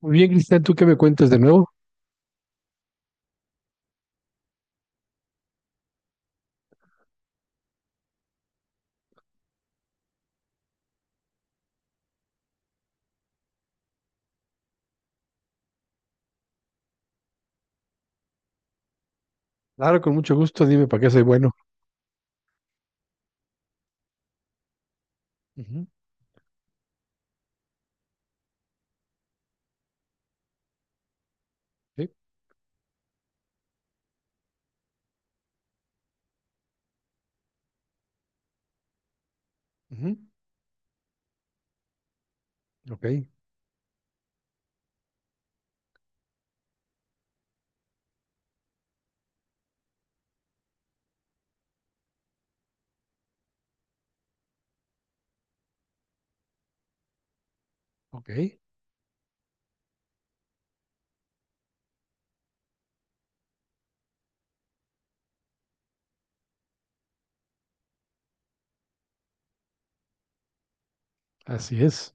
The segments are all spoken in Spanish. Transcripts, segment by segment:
Muy bien, Cristian, ¿tú qué me cuentas de nuevo? Claro, con mucho gusto, dime para qué soy bueno. Ujú. Sí, ujú, ok, ok, así es.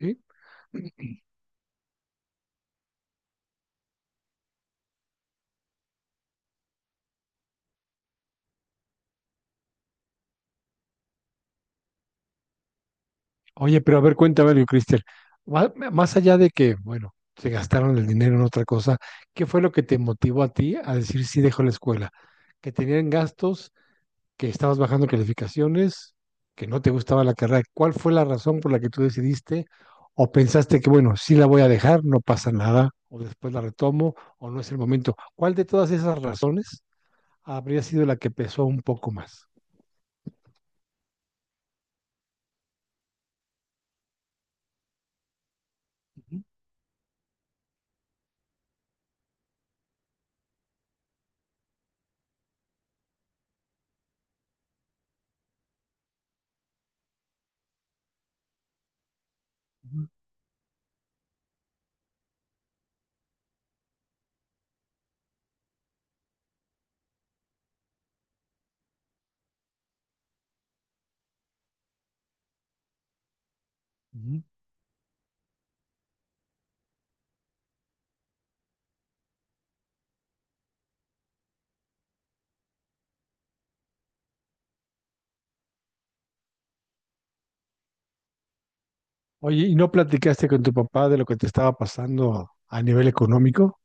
Sí. Oye, pero a ver, cuéntame algo, Cristian. Más allá de que, bueno, se gastaron el dinero en otra cosa, ¿qué fue lo que te motivó a ti a decir sí dejo la escuela? ¿Que tenían gastos, que estabas bajando calificaciones, que no te gustaba la carrera? ¿Cuál fue la razón por la que tú decidiste? ¿O pensaste que, bueno, sí la voy a dejar, no pasa nada, o después la retomo, o no es el momento? ¿Cuál de todas esas razones habría sido la que pesó un poco más? Ujú, ujú, ujú. Oye, ¿y no platicaste con tu papá de lo que te estaba pasando a nivel económico?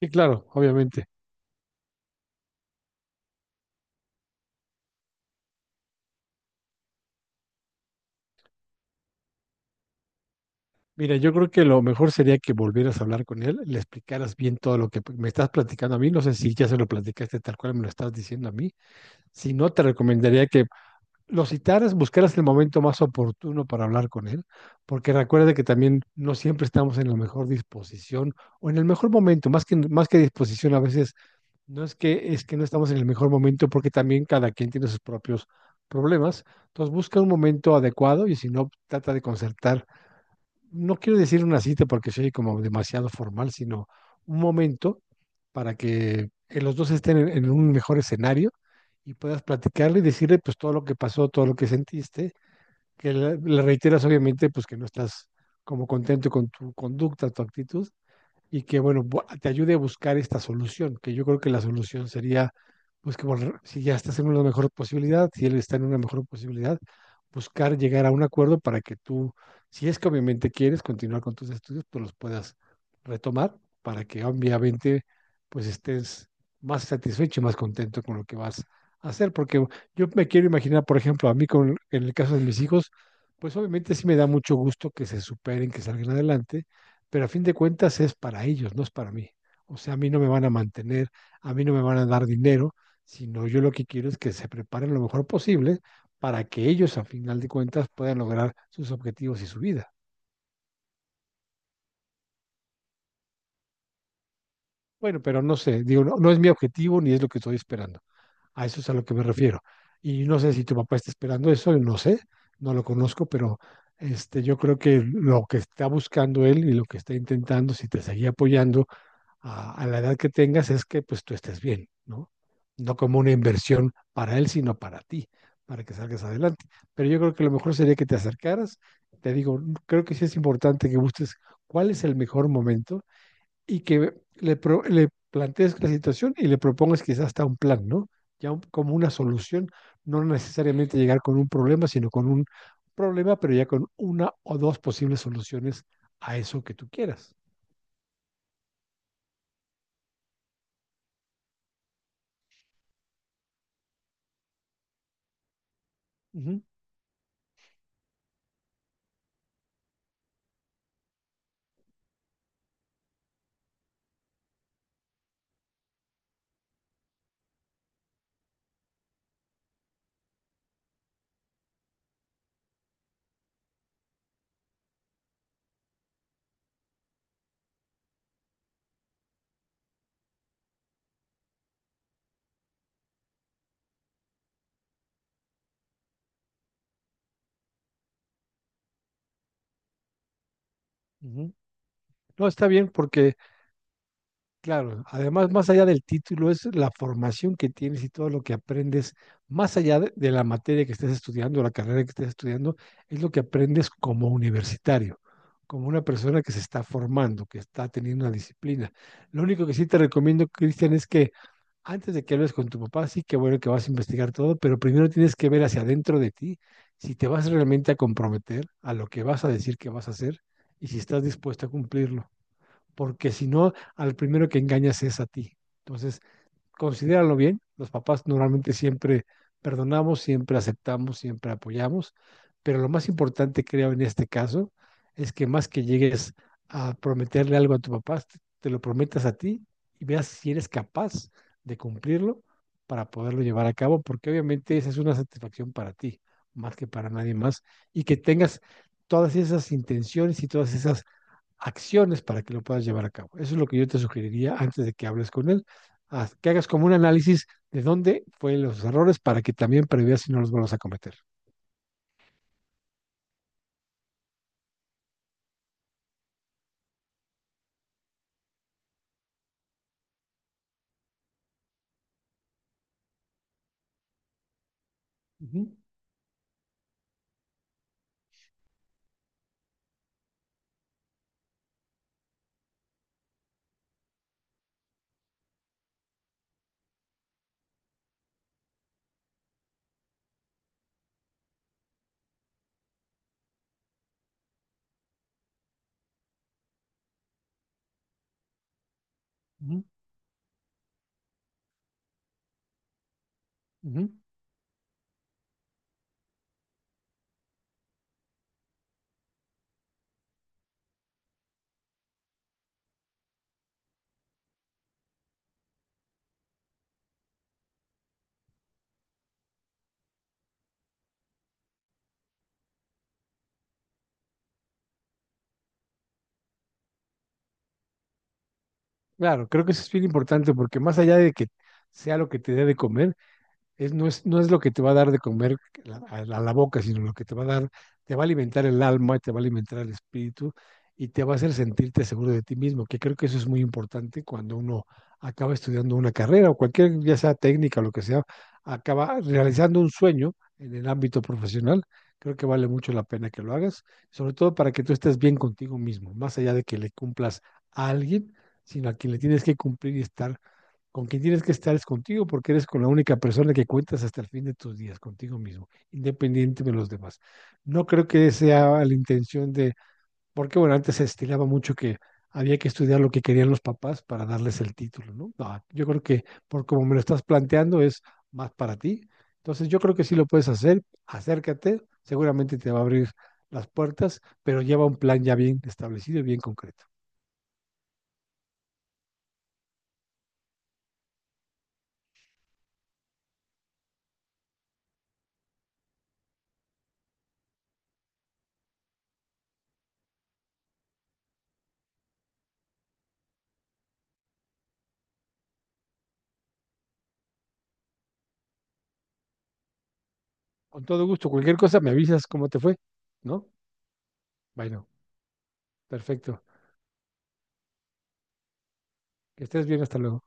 Sí, claro, obviamente. Mira, yo creo que lo mejor sería que volvieras a hablar con él, le explicaras bien todo lo que me estás platicando a mí. No sé si ya se lo platicaste tal cual me lo estás diciendo a mí. Si no, te recomendaría que lo citaras, buscaras el momento más oportuno para hablar con él, porque recuerda que también no siempre estamos en la mejor disposición o en el mejor momento, más que disposición, a veces. No es que, es que no estamos en el mejor momento porque también cada quien tiene sus propios problemas. Entonces busca un momento adecuado y si no, trata de concertar. No quiero decir una cita porque soy como demasiado formal, sino un momento para que los dos estén en un mejor escenario y puedas platicarle y decirle pues todo lo que pasó, todo lo que sentiste, que le reiteras obviamente pues que no estás como contento con tu conducta, tu actitud y que, bueno, te ayude a buscar esta solución, que yo creo que la solución sería, pues que si ya estás en una mejor posibilidad, si él está en una mejor posibilidad, buscar llegar a un acuerdo para que tú, si es que obviamente quieres continuar con tus estudios, pues los puedas retomar para que obviamente pues estés más satisfecho y más contento con lo que vas a hacer, porque yo me quiero imaginar, por ejemplo, a mí en el caso de mis hijos, pues obviamente sí me da mucho gusto que se superen, que salgan adelante, pero a fin de cuentas es para ellos, no es para mí. O sea, a mí no me van a mantener, a mí no me van a dar dinero, sino yo lo que quiero es que se preparen lo mejor posible para que ellos, a final de cuentas, puedan lograr sus objetivos y su vida. Bueno, pero no sé, digo, no, no es mi objetivo ni es lo que estoy esperando. A eso es a lo que me refiero. Y no sé si tu papá está esperando eso, no sé, no lo conozco, pero este, yo creo que lo que está buscando él y lo que está intentando, si te seguía apoyando a la edad que tengas es que pues tú estés bien, ¿no? No como una inversión para él, sino para ti, para que salgas adelante. Pero yo creo que lo mejor sería que te acercaras. Te digo, creo que sí es importante que busques cuál es el mejor momento y que le plantees la situación y le propongas quizás hasta un plan, ¿no? Ya un, como una solución, no necesariamente llegar con un problema, sino con un problema, pero ya con una o dos posibles soluciones a eso que tú quieras. Uh -huh, uh -huh. No, está bien porque claro, además, más allá del título, es la formación que tienes y todo lo que aprendes, más allá de la materia que estés estudiando, la carrera que estés estudiando, es lo que aprendes como universitario, como una persona que se está formando, que está teniendo una disciplina. Lo único que sí te recomiendo, Cristian, es que antes de que hables con tu papá, sí que bueno que vas a investigar todo, pero primero tienes que ver hacia adentro de ti si te vas realmente a comprometer a lo que vas a decir que vas a hacer y si estás dispuesto a cumplirlo porque si no, al primero que engañas es a ti. Entonces, considéralo bien. Los papás normalmente siempre perdonamos, siempre aceptamos, siempre apoyamos, pero lo más importante creo en este caso es que más que llegues a prometerle algo a tu papá, te lo prometas a ti y veas si eres capaz de cumplirlo para poderlo llevar a cabo, porque obviamente esa es una satisfacción para ti, más que para nadie más, y que tengas todas esas intenciones y todas esas acciones para que lo puedas llevar a cabo. Eso es lo que yo te sugeriría antes de que hables con él, que hagas como un análisis de dónde fueron los errores para que también preveas si no los vuelvas a cometer. Ujú, ujú, ujú. Claro, creo que eso es bien importante porque más allá de que sea lo que te dé de comer, es, no es lo que te va a dar de comer a la boca, sino lo que te va a dar, te va a alimentar el alma, te va a alimentar el espíritu y te va a hacer sentirte seguro de ti mismo, que creo que eso es muy importante cuando uno acaba estudiando una carrera o cualquier, ya sea técnica o lo que sea, acaba realizando un sueño en el ámbito profesional. Creo que vale mucho la pena que lo hagas, sobre todo para que tú estés bien contigo mismo, más allá de que le cumplas a alguien, sino a quien le tienes que cumplir y estar con quien tienes que estar es contigo porque eres con la única persona que cuentas hasta el fin de tus días, contigo mismo, independiente de los demás. No creo que sea la intención de, porque bueno, antes se estilaba mucho que había que estudiar lo que querían los papás para darles el título, ¿no? No, yo creo que por como me lo estás planteando es más para ti. Entonces yo creo que sí lo puedes hacer, acércate, seguramente te va a abrir las puertas, pero lleva un plan ya bien establecido y bien concreto. Con todo gusto, cualquier cosa me avisas cómo te fue, ¿no? Bueno. Perfecto. Que estés bien, hasta luego.